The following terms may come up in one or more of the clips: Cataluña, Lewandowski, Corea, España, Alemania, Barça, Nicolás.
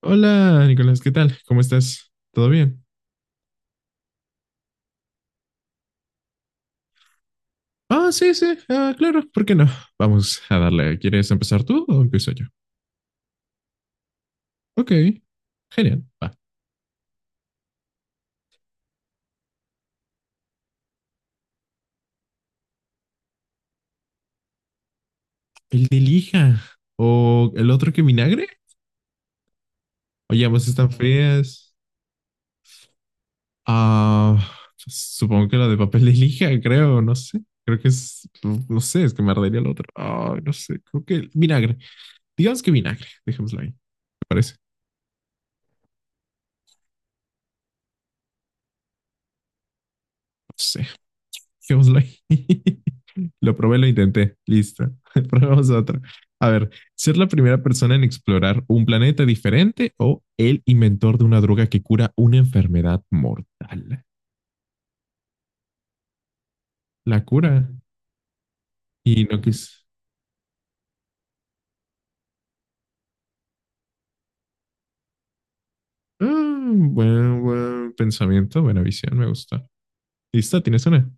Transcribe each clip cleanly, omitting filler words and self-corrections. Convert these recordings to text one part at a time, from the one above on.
Hola, Nicolás, ¿qué tal? ¿Cómo estás? ¿Todo bien? Ah, sí, sí, ah, claro, ¿por qué no? Vamos a darle. ¿Quieres empezar tú o empiezo yo? Ok, genial, va. El de lija o el otro que vinagre. Oye, ambas están frías. Ah, supongo que la de papel de lija, creo, no sé. Creo que es, no sé, es que me ardería el otro. Ay, no sé, creo que el vinagre. Digamos que vinagre, dejémoslo ahí, ¿te parece? No sé, dejémoslo ahí. Lo probé, lo intenté. Listo. Probemos otro. A ver, ser la primera persona en explorar un planeta diferente o el inventor de una droga que cura una enfermedad mortal. La cura. Y no quis. Ah, buen, buen pensamiento, buena visión, me gusta. Listo, ¿tienes una?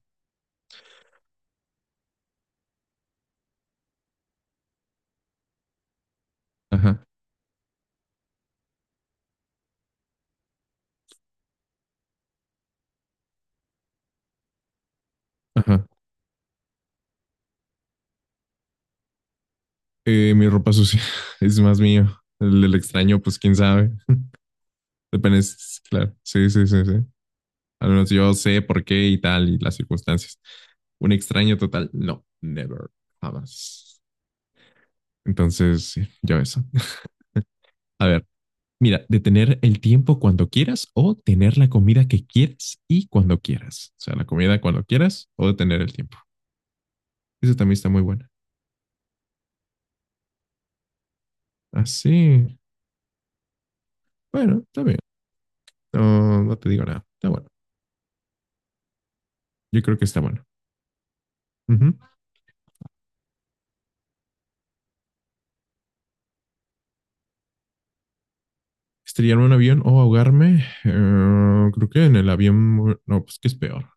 Ajá, ajá. Mi ropa sucia es más mío. El extraño, pues quién sabe. Depende, claro. Sí, sí, sí, sí. Al menos yo sé por qué y tal y las circunstancias. Un extraño total, no, never, jamás. Entonces, sí, yo eso. A ver, mira, detener el tiempo cuando quieras o tener la comida que quieras y cuando quieras. O sea, la comida cuando quieras o detener el tiempo. Eso también está muy buena. Así, bueno, está bien. No, no te digo nada. Está bueno. Yo creo que está bueno. Ujú. Estrellarme en un avión o ahogarme. Creo que en el avión, no, pues que es peor.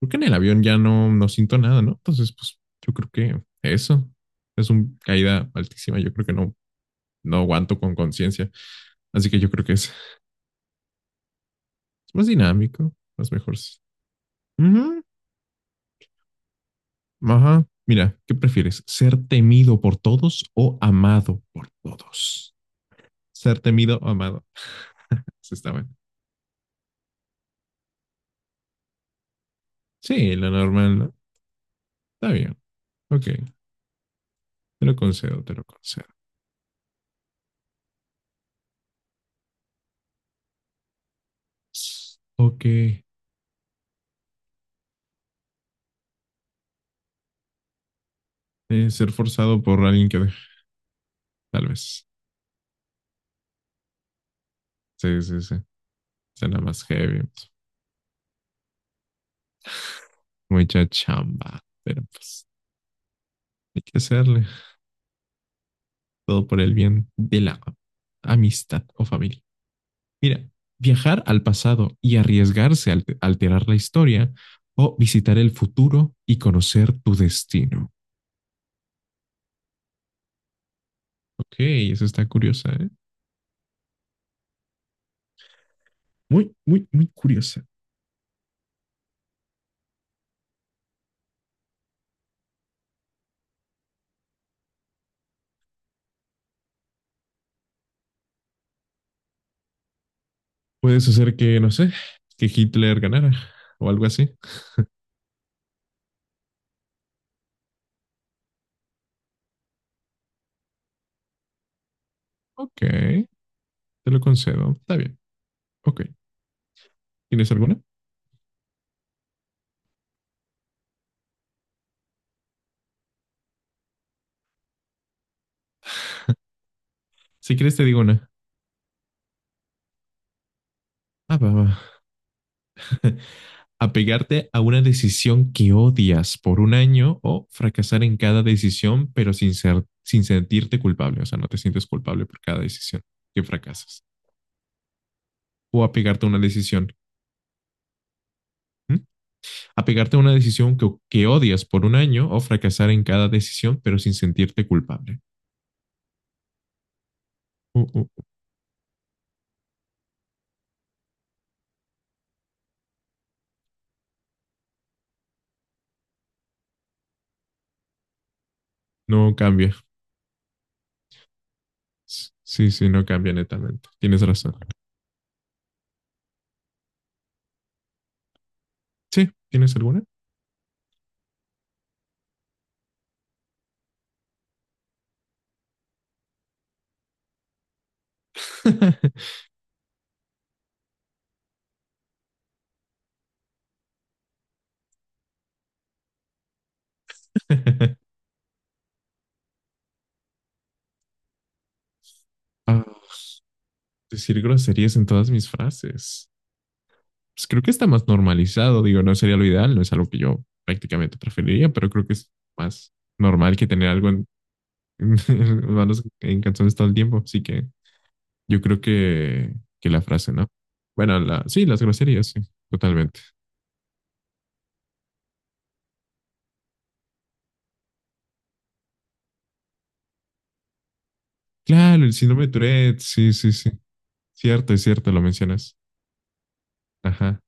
Creo que en el avión ya no, no siento nada, ¿no? Entonces, pues yo creo que eso es una caída altísima. Yo creo que no, no aguanto con conciencia. Así que yo creo que es más dinámico, más mejor. Ujú, ajá. Mira, ¿qué prefieres? ¿Ser temido por todos o amado por todos? Ser temido o amado. Sí, está bueno. Sí, lo normal, ¿no? Está bien. Ok. Te lo concedo, te lo concedo. Ok. Ser forzado por alguien que... Tal vez. Sí, sí, sí. Será más heavy. Mucha chamba. Pero pues hay que hacerle todo por el bien de la amistad o familia. Mira, viajar al pasado y arriesgarse a al alterar la historia o visitar el futuro y conocer tu destino. Ok, eso está curiosa, ¿eh? Muy, muy, muy curiosa. Puedes hacer que, no sé, que Hitler ganara o algo así. Ok, te lo concedo. Está bien. Ok. ¿Tienes alguna? Si quieres te digo una. Ah, va, va. Apegarte a una decisión que odias por un año o fracasar en cada decisión, pero sin sentirte culpable. O sea, no te sientes culpable por cada decisión que fracasas. O apegarte a una decisión. ¿Mm? Apegarte a una decisión que odias por un año o fracasar en cada decisión, pero sin sentirte culpable. Uh, uh, uh. No cambia. Sí, sí, no cambia netamente. Tienes razón. Sí, ¿tienes alguna? Ah, decir groserías en todas mis frases. Pues creo que está más normalizado, digo, no sería lo ideal, no es algo que yo prácticamente preferiría, pero creo que es más normal que tener algo en, manos- en canciones todo el tiempo, así que yo creo que la frase, ¿no? Bueno, la, sí, las groserías, sí, totalmente. Claro, el síndrome de Tourette, sí, sí, sí. Cierto, es cierto, lo mencionas. Ajá,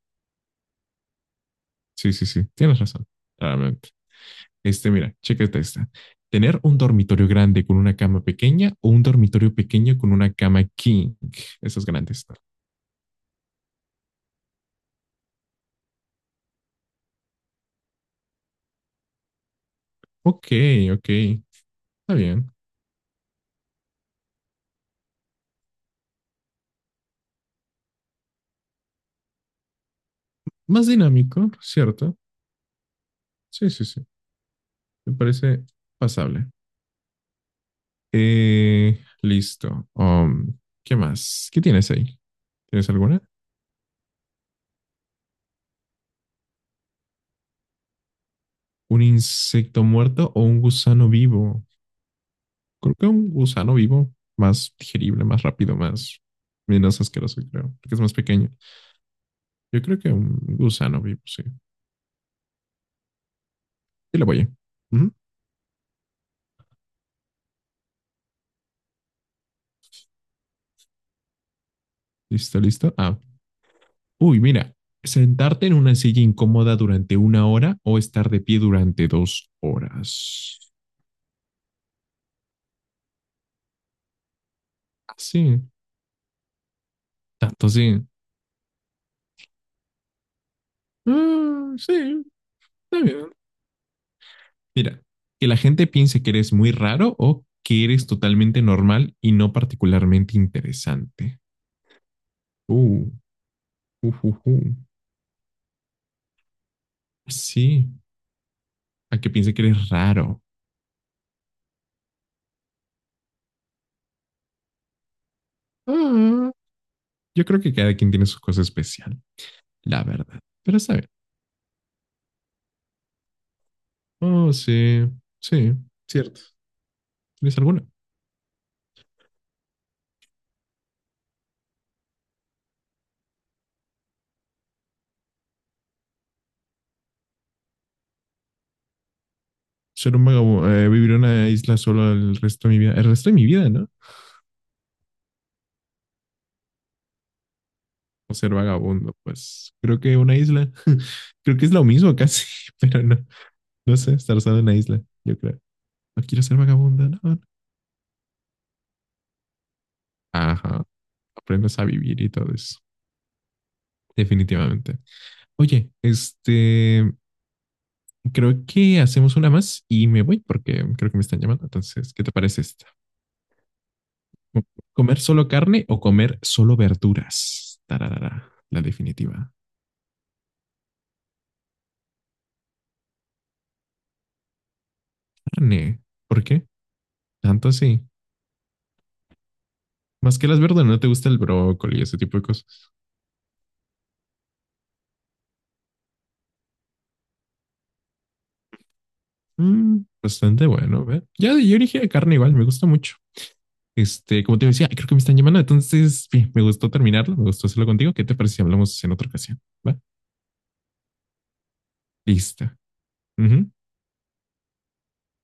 sí, sí, sí, tienes razón, claramente. Este, mira, chécate esta. Tener un dormitorio grande con una cama pequeña o un dormitorio pequeño con una cama king. Esos grandes. Ok, ok. Está bien. Más dinámico, ¿cierto? Sí, sí, sí. Me parece pasable. Listo. ¿Qué más? ¿Qué tienes ahí? ¿Tienes alguna? ¿Un insecto muerto o un gusano vivo? Creo que un gusano vivo más digerible, más rápido, más menos asqueroso, creo, porque es más pequeño. Yo creo que un gusano vivo, sí. Sí, la voy. Ujú. ¿Listo, listo? Ah. Uy, mira. Sentarte en una silla incómoda durante una hora o estar de pie durante dos horas. Ah, sí, tanto sí. Ah, sí, está bien. Mira, que la gente piense que eres muy raro o que eres totalmente normal y no particularmente interesante. Uh, uh, uh, uh. Sí, a que piense que eres raro. Ah, yo creo que cada quien tiene sus cosas especial. La verdad. Pero está bien. Oh, sí, sí. Cierto. ¿Tienes alguna? Ser un vagabundo, vivir en una isla solo el resto de mi vida. El resto de mi vida, ¿no? O ser vagabundo, pues creo que una isla, creo que es lo mismo casi, pero no, no sé, estar solo en una isla, yo creo. No quiero ser vagabundo, no. No. Ajá, aprendes a vivir y todo eso, definitivamente. Oye, este, creo que hacemos una más y me voy porque creo que me están llamando, entonces, ¿qué te parece esta? ¿Comer solo carne o comer solo verduras? Tararara, la definitiva. Carne. ¿Por qué? Tanto así. Más que las verduras, no te gusta el brócoli y ese tipo de cosas. Mm, bastante bueno, ¿ve? Ya yo dije carne igual, me gusta mucho. Este, como te decía, creo que me están llamando, entonces bien, me gustó terminarlo, me gustó hacerlo contigo. ¿Qué te parece si hablamos en otra ocasión? ¿Va? Listo. Ujú.